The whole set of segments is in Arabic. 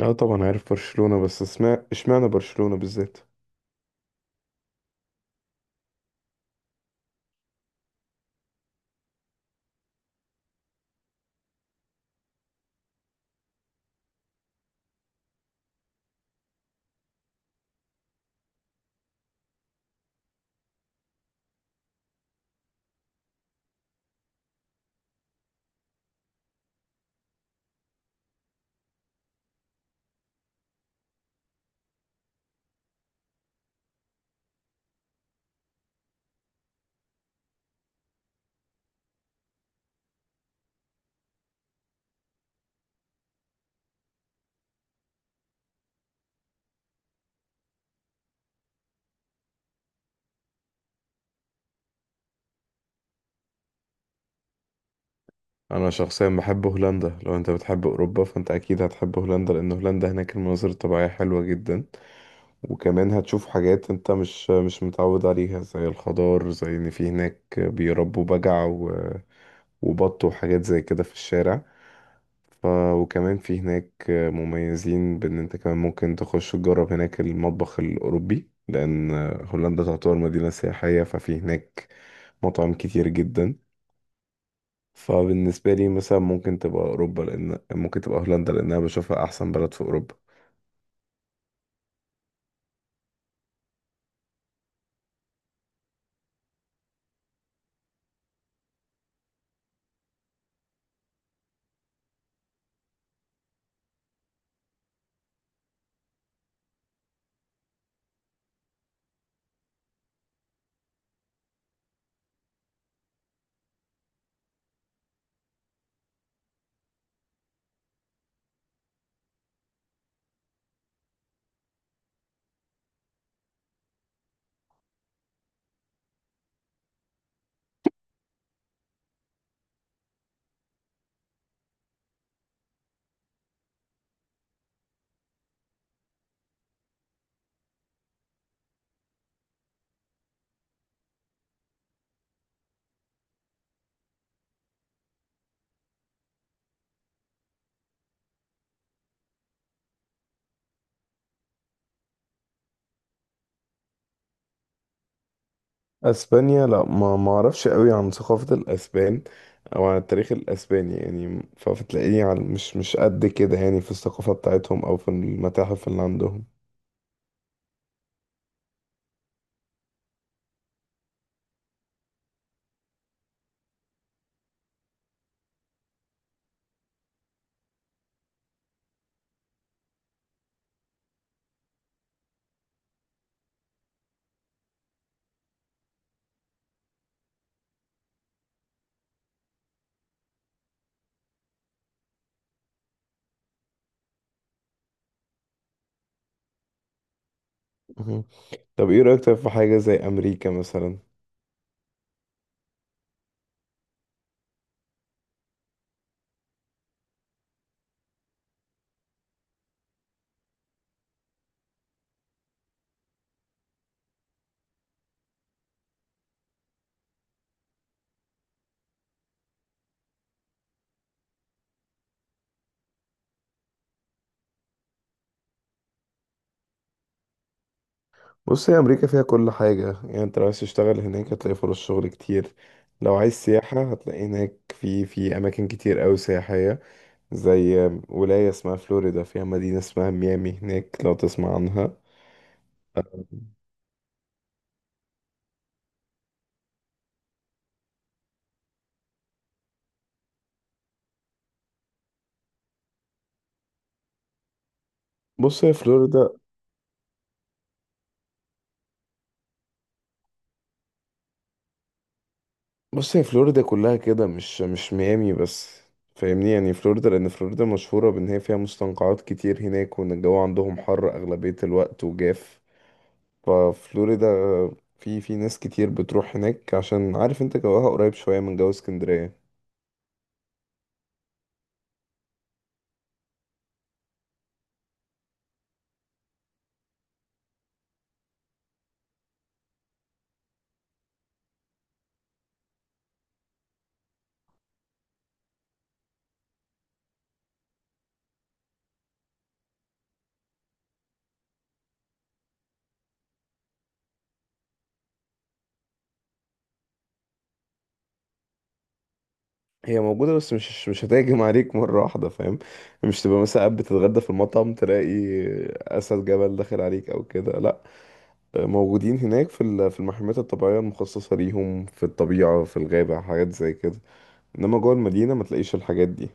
اه طبعا عارف برشلونة، بس اسمع اشمعنى برشلونة بالذات؟ انا شخصيا بحب هولندا. لو انت بتحب اوروبا فانت اكيد هتحب هولندا، لان هولندا هناك المناظر الطبيعية حلوة جدا. وكمان هتشوف حاجات انت مش متعود عليها، زي الخضار، زي ان في هناك بيربوا بجع وبط وحاجات زي كده في الشارع. ف... وكمان في هناك مميزين بان انت كمان ممكن تخش تجرب هناك المطبخ الاوروبي، لان هولندا تعتبر مدينة سياحية، ففي هناك مطاعم كتير جدا. فبالنسبة لي مثلا ممكن تبقى أوروبا، لأن ممكن تبقى هولندا، لأن أنا بشوفها أحسن بلد في أوروبا. أسبانيا لا، ما أعرفش قوي عن ثقافة الأسبان أو عن التاريخ الأسباني، يعني مش قد كده يعني في الثقافة بتاعتهم أو في المتاحف اللي عندهم. مهم. طب إيه رأيك طيب في حاجة زي أمريكا مثلا؟ بص، هي أمريكا فيها كل حاجة. يعني أنت لو عايز تشتغل هناك هتلاقي فرص شغل كتير. لو عايز سياحة هتلاقي هناك في أماكن كتير أوي سياحية، زي ولاية اسمها فلوريدا، فيها مدينة اسمها ميامي هناك، لو تسمع عنها. بص هي فلوريدا بص، هي فلوريدا كلها كده، مش ميامي بس. فاهمني يعني؟ فلوريدا، لأن فلوريدا مشهورة بإن هي فيها مستنقعات كتير هناك، وإن الجو عندهم حر أغلبية الوقت وجاف. ففلوريدا في ناس كتير بتروح هناك، عشان عارف انت جواها قريب شوية من جو اسكندرية. هي موجودة، بس مش هتهجم عليك مرة واحدة، فاهم؟ مش تبقى مثلا قاعد بتتغدى في المطعم تلاقي أسد جبل داخل عليك أو كده، لأ. موجودين هناك في المحميات الطبيعية المخصصة ليهم، في الطبيعة، في الغابة، حاجات زي كده. إنما جوه المدينة ما تلاقيش الحاجات دي.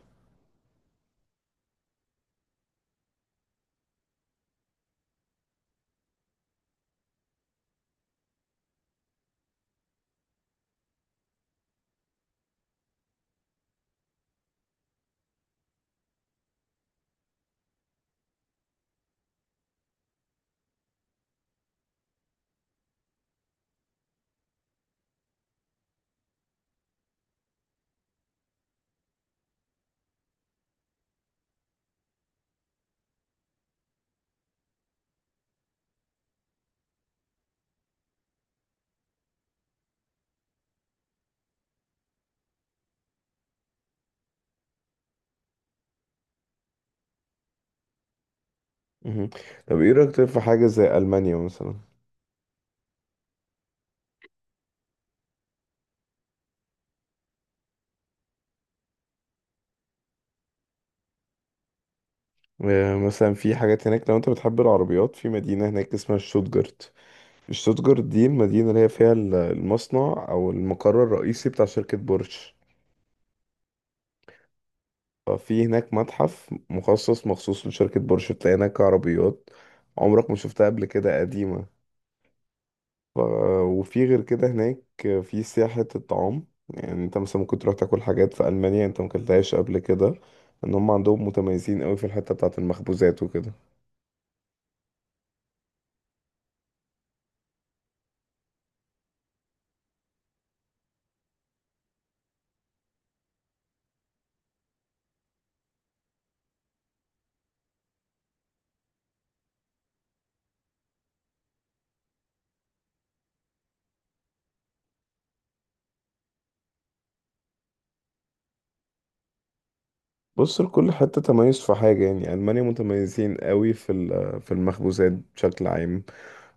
مهم. طب إيه رأيك طيب في حاجة زي ألمانيا مثلا؟ مثلا في حاجات هناك، لو أنت بتحب العربيات، في مدينة هناك اسمها شتوتجارت. شتوتجارت دي المدينة اللي هي فيها المصنع أو المقر الرئيسي بتاع شركة بورش. في هناك متحف مخصص مخصوص لشركة بورش، بتلاقي هناك عربيات عمرك ما شفتها قبل كده، قديمة. ف... وفي غير كده هناك في سياحة الطعام. يعني انت مثلا ممكن تروح تاكل حاجات في ألمانيا انت مكلتهاش قبل كده، ان هم عندهم متميزين قوي في الحتة بتاعة المخبوزات وكده. بص، لكل حتة تميز في حاجة. يعني ألمانيا متميزين قوي في المخبوزات بشكل عام.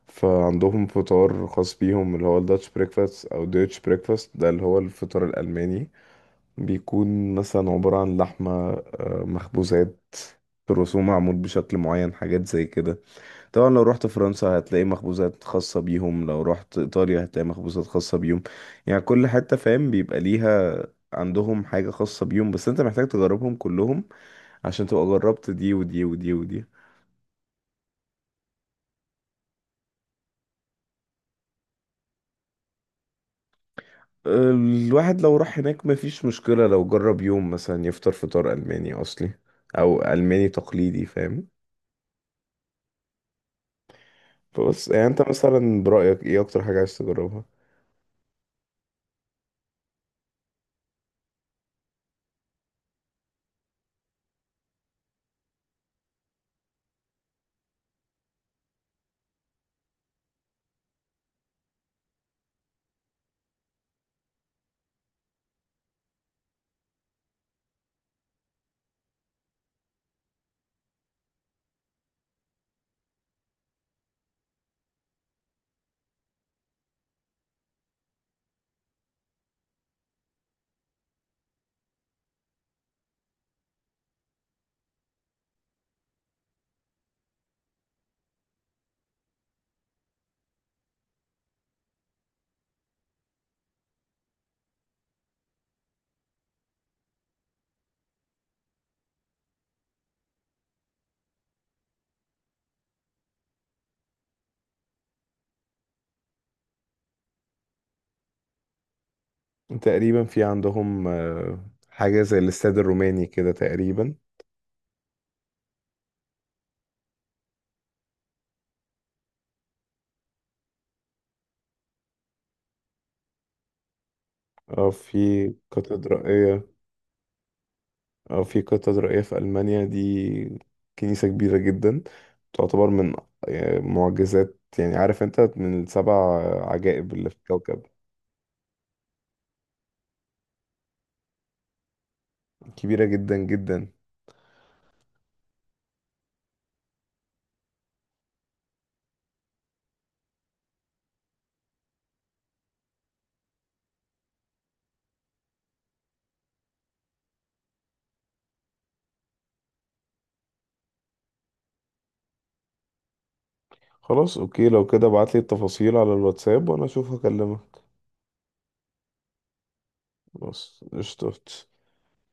فعندهم فطار خاص بيهم، اللي هو الداتش بريكفاست او ديتش بريكفاست، ده اللي هو الفطار الألماني. بيكون مثلا عبارة عن لحمة، مخبوزات، الرسوم معمول بشكل معين، حاجات زي كده. طبعا لو رحت فرنسا هتلاقي مخبوزات خاصة بيهم، لو رحت إيطاليا هتلاقي مخبوزات خاصة بيهم. يعني كل حتة فاهم بيبقى ليها عندهم حاجة خاصة بيهم، بس انت محتاج تجربهم كلهم عشان تبقى جربت دي ودي ودي ودي. الواحد لو راح هناك مفيش مشكلة لو جرب يوم مثلا يفطر فطار ألماني أصلي، أو ألماني تقليدي، فاهم؟ فبص، يعني انت مثلا برأيك ايه اكتر حاجة عايز تجربها؟ تقريبا في عندهم حاجة زي الاستاد الروماني كده تقريبا. اه، في كاتدرائية. اه، في كاتدرائية في ألمانيا دي، كنيسة كبيرة جدا، تعتبر من معجزات، يعني عارف انت، من السبع عجائب اللي في الكوكب. كبيرة جدا جدا. خلاص اوكي، لو كده ابعتلي التفاصيل على الواتساب وانا اشوف هكلمك. خلاص قشطة.